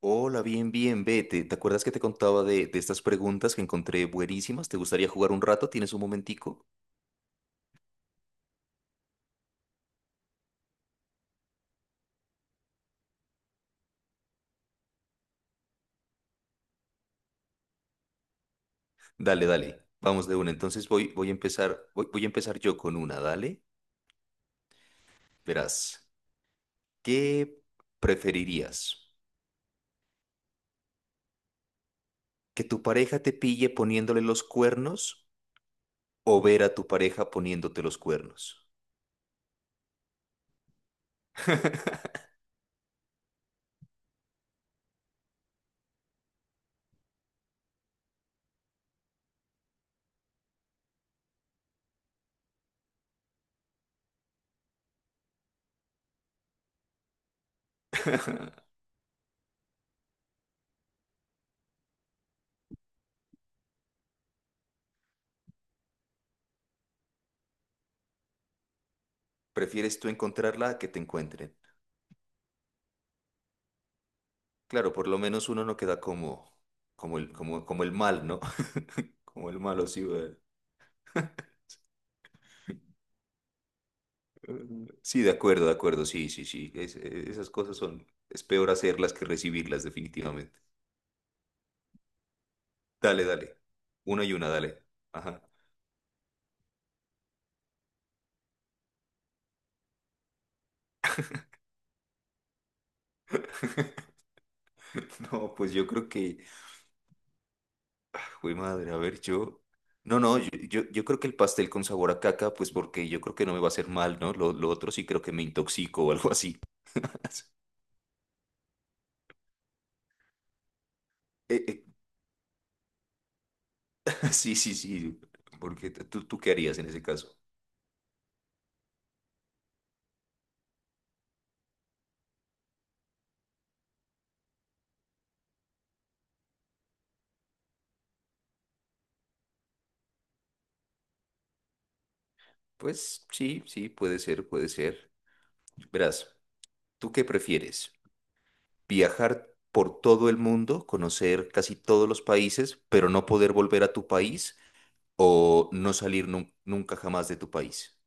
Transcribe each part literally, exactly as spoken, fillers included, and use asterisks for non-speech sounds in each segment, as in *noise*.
Hola, bien, bien, vete. ¿Te acuerdas que te contaba de, de estas preguntas que encontré buenísimas? ¿Te gustaría jugar un rato? ¿Tienes un momentico? Dale, dale. Vamos de una. Entonces voy, voy a empezar, voy, voy a empezar yo con una, dale. Verás, ¿qué preferirías? ¿Que tu pareja te pille poniéndole los cuernos o ver a tu pareja poniéndote los cuernos? *laughs* ¿Prefieres tú encontrarla a que te encuentren? Claro, por lo menos uno no queda como, como el, como, como el mal, ¿no? *laughs* Como el malo, sí, ¿verdad? Mm, sí, de acuerdo, de acuerdo, sí, sí, sí. es- eh, esas cosas son, es peor hacerlas que recibirlas, definitivamente. Dale, dale. Una y una, dale. Ajá. *laughs* No, pues yo creo que, uy, madre, a ver, yo. No, no, yo, yo, yo creo que el pastel con sabor a caca, pues porque yo creo que no me va a hacer mal, ¿no? Lo, lo otro sí creo que me intoxico o algo así. *laughs* Eh, eh, *laughs* sí, sí, sí. Porque t- tú, tú qué harías en ese caso. Pues sí, sí, puede ser, puede ser. Verás, ¿tú qué prefieres? viajar por todo el mundo, conocer casi todos los países, pero no poder volver a tu país o no salir nun- nunca jamás de tu país?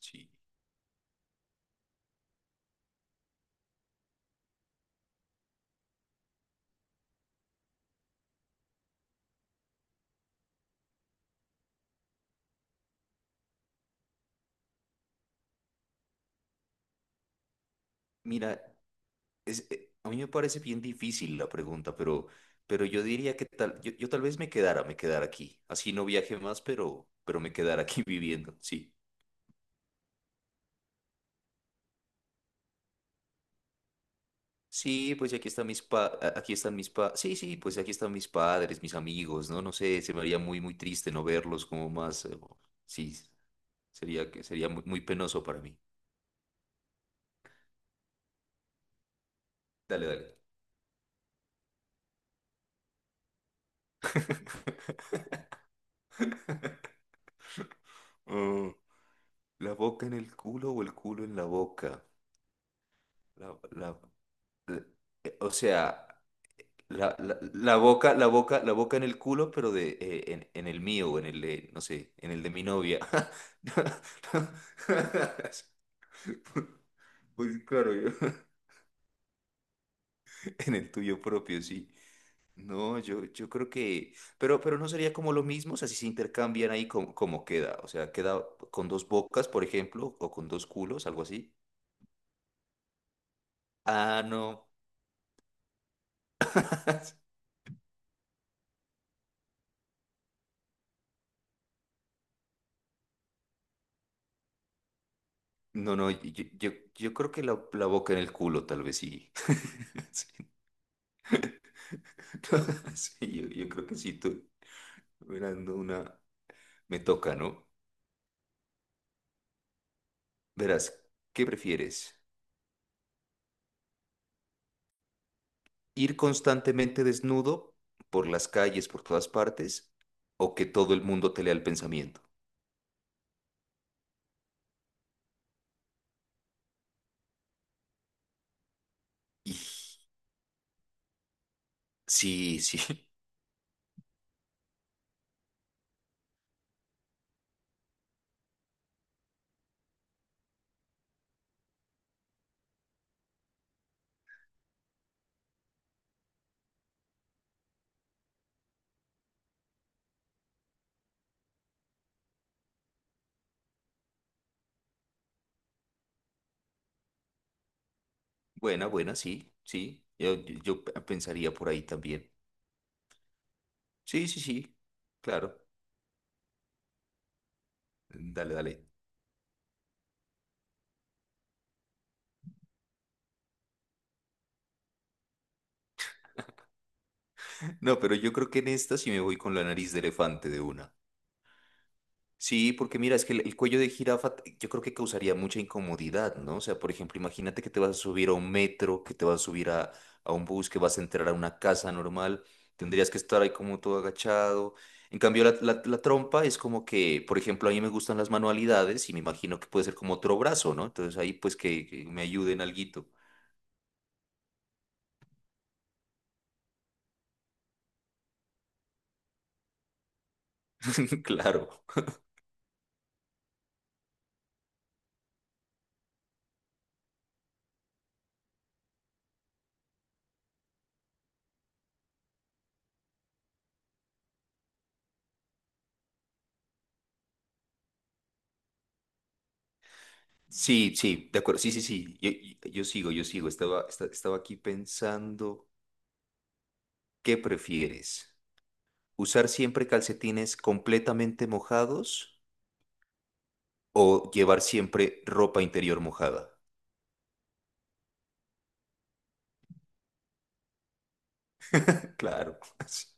Sí. Mira, es, eh, a mí me parece bien difícil la pregunta, pero, pero yo diría que tal, yo, yo tal vez me quedara, me quedara aquí. Así no viaje más, pero, pero me quedara aquí *laughs* viviendo, sí. Sí, pues aquí están mis pa, a- aquí están mis pa, sí, sí, pues aquí están mis padres, mis amigos, ¿no? No sé, se me haría muy, muy triste no verlos como más, eh, sí, Sería que sería muy, muy penoso para mí. Dale, dale. *laughs* Mm. ¿La boca en el culo o el culo en la boca? La, la- la- eh, o sea, la, la- la boca, la boca, la boca en el culo, pero de eh, en, en el mío o en el de, no sé, en el de mi novia. *laughs* Pues claro, yo- *laughs* en el tuyo propio, sí. No, yo, yo creo que, pero, pero no sería como lo mismo, o sea, si se intercambian ahí como, como queda, o sea, queda con dos bocas, por ejemplo, o con dos culos, algo así. Ah, no. *laughs* No, no, yo, yo, yo creo que la, la boca en el culo, tal vez sí. *laughs* Sí, no, *laughs* sí, yo, yo creo que sí, tú, verás, no, una, me toca, ¿no? Verás, ¿qué prefieres? ¿Ir constantemente desnudo por las calles, por todas partes, o que todo el mundo te lea el pensamiento? Ij. Sí, sí. *laughs* Buena, buena, sí, sí. Yo, yo yo pensaría por ahí también. Sí, sí, sí. Claro. Dale, dale. *laughs* No, pero yo creo que en esta sí me voy con la nariz de elefante de una. Sí, porque mira, es que el, el cuello de jirafa t- yo creo que causaría mucha incomodidad, ¿no? O sea, por ejemplo, imagínate que te vas a subir a un metro, que te vas a subir a, a un bus, que vas a entrar a una casa normal, tendrías que estar ahí como todo agachado. En cambio, la, la- la trompa es como que, por ejemplo, a mí me gustan las manualidades y me imagino que puede ser como otro brazo, ¿no? Entonces ahí pues que, que me ayuden alguito. *laughs* Claro. Sí, sí, de acuerdo. Sí, sí, sí. Yo, yo- yo sigo, yo sigo. Estaba, esta- estaba aquí pensando, ¿qué prefieres? ¿Usar siempre calcetines completamente mojados o llevar siempre ropa interior mojada? *laughs* Claro, *laughs*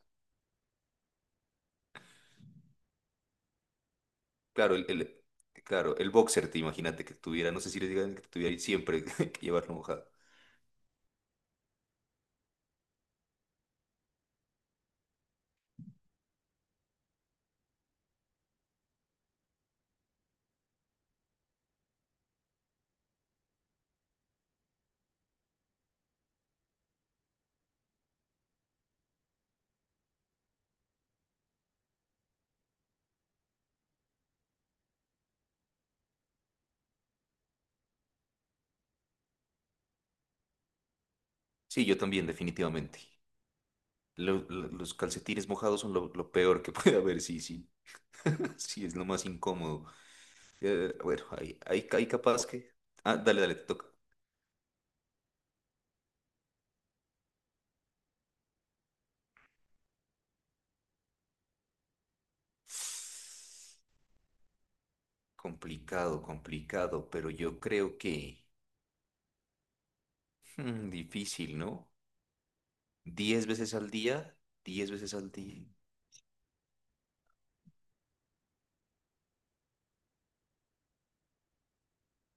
claro, el, el- claro, el boxer, te imagínate que tuviera, no sé si le digan que tuviera siempre *laughs* que llevarlo mojado. Sí, yo también, definitivamente. Lo- lo- los calcetines mojados son lo, lo peor que *laughs* puede haber, sí, sí. *laughs* Sí, es lo más incómodo. Eh, bueno, ahí, ahí, ahí capaz que... Ah, dale, dale, te toca. Complicado, complicado, pero yo creo que... Mm, difícil, ¿no? Diez veces al día, diez veces al día.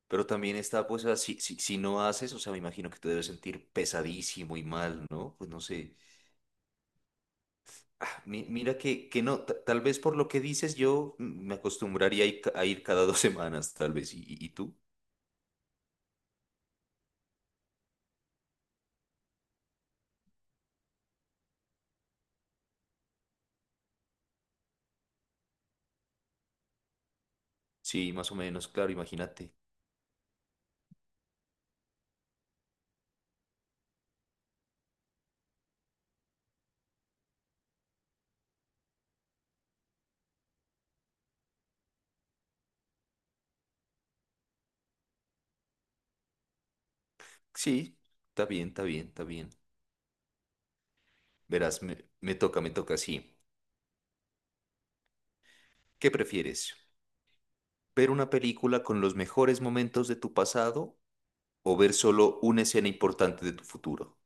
Pero también está, pues, así, si, si si no haces, o sea, me imagino que te debes sentir pesadísimo y mal, ¿no? Pues no sé. Ah, mi- mira que, que no, ta- tal vez por lo que dices, yo mm, me acostumbraría a ir, ca- a ir cada *laughs* dos semanas, tal vez. ¿Y, y- y tú? Sí, más o menos, claro, imagínate. Sí, está bien, está bien, está bien. Verás, me, me toca, me toca, sí. ¿Qué prefieres? ¿Ver una película con los mejores momentos de tu pasado o ver solo una escena importante de tu futuro?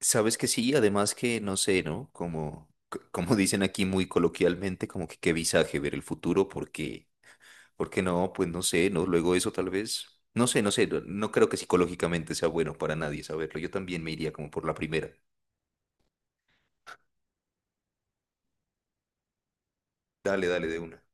Sabes que sí, además que no sé, ¿no? Como, c- como dicen aquí muy coloquialmente, como que qué visaje ver el futuro, porque, porque no, pues no sé, ¿no? Luego eso tal vez, no sé, no sé, no, no creo que psicológicamente sea bueno para nadie saberlo. Yo también me iría como por la primera. Dale, dale de una.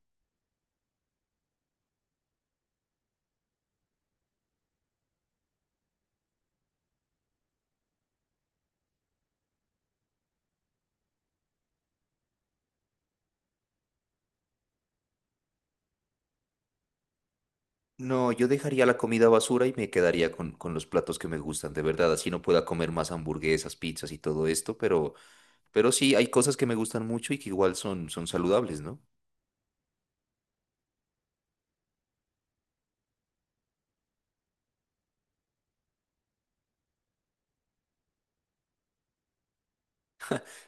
No, yo dejaría la comida basura y me quedaría con, con los platos que me gustan, de verdad. Así no pueda comer más hamburguesas, pizzas y todo esto, pero, pero sí hay cosas que me gustan mucho y que igual son, son saludables, ¿no?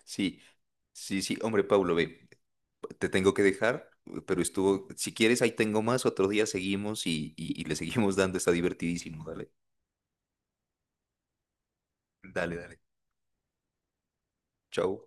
Sí, sí, sí, hombre, Pablo, ve, te tengo que dejar, pero estuvo, si quieres, ahí tengo más, otro día seguimos y, y, y le seguimos dando, está divertidísimo, dale, dale, dale, chao.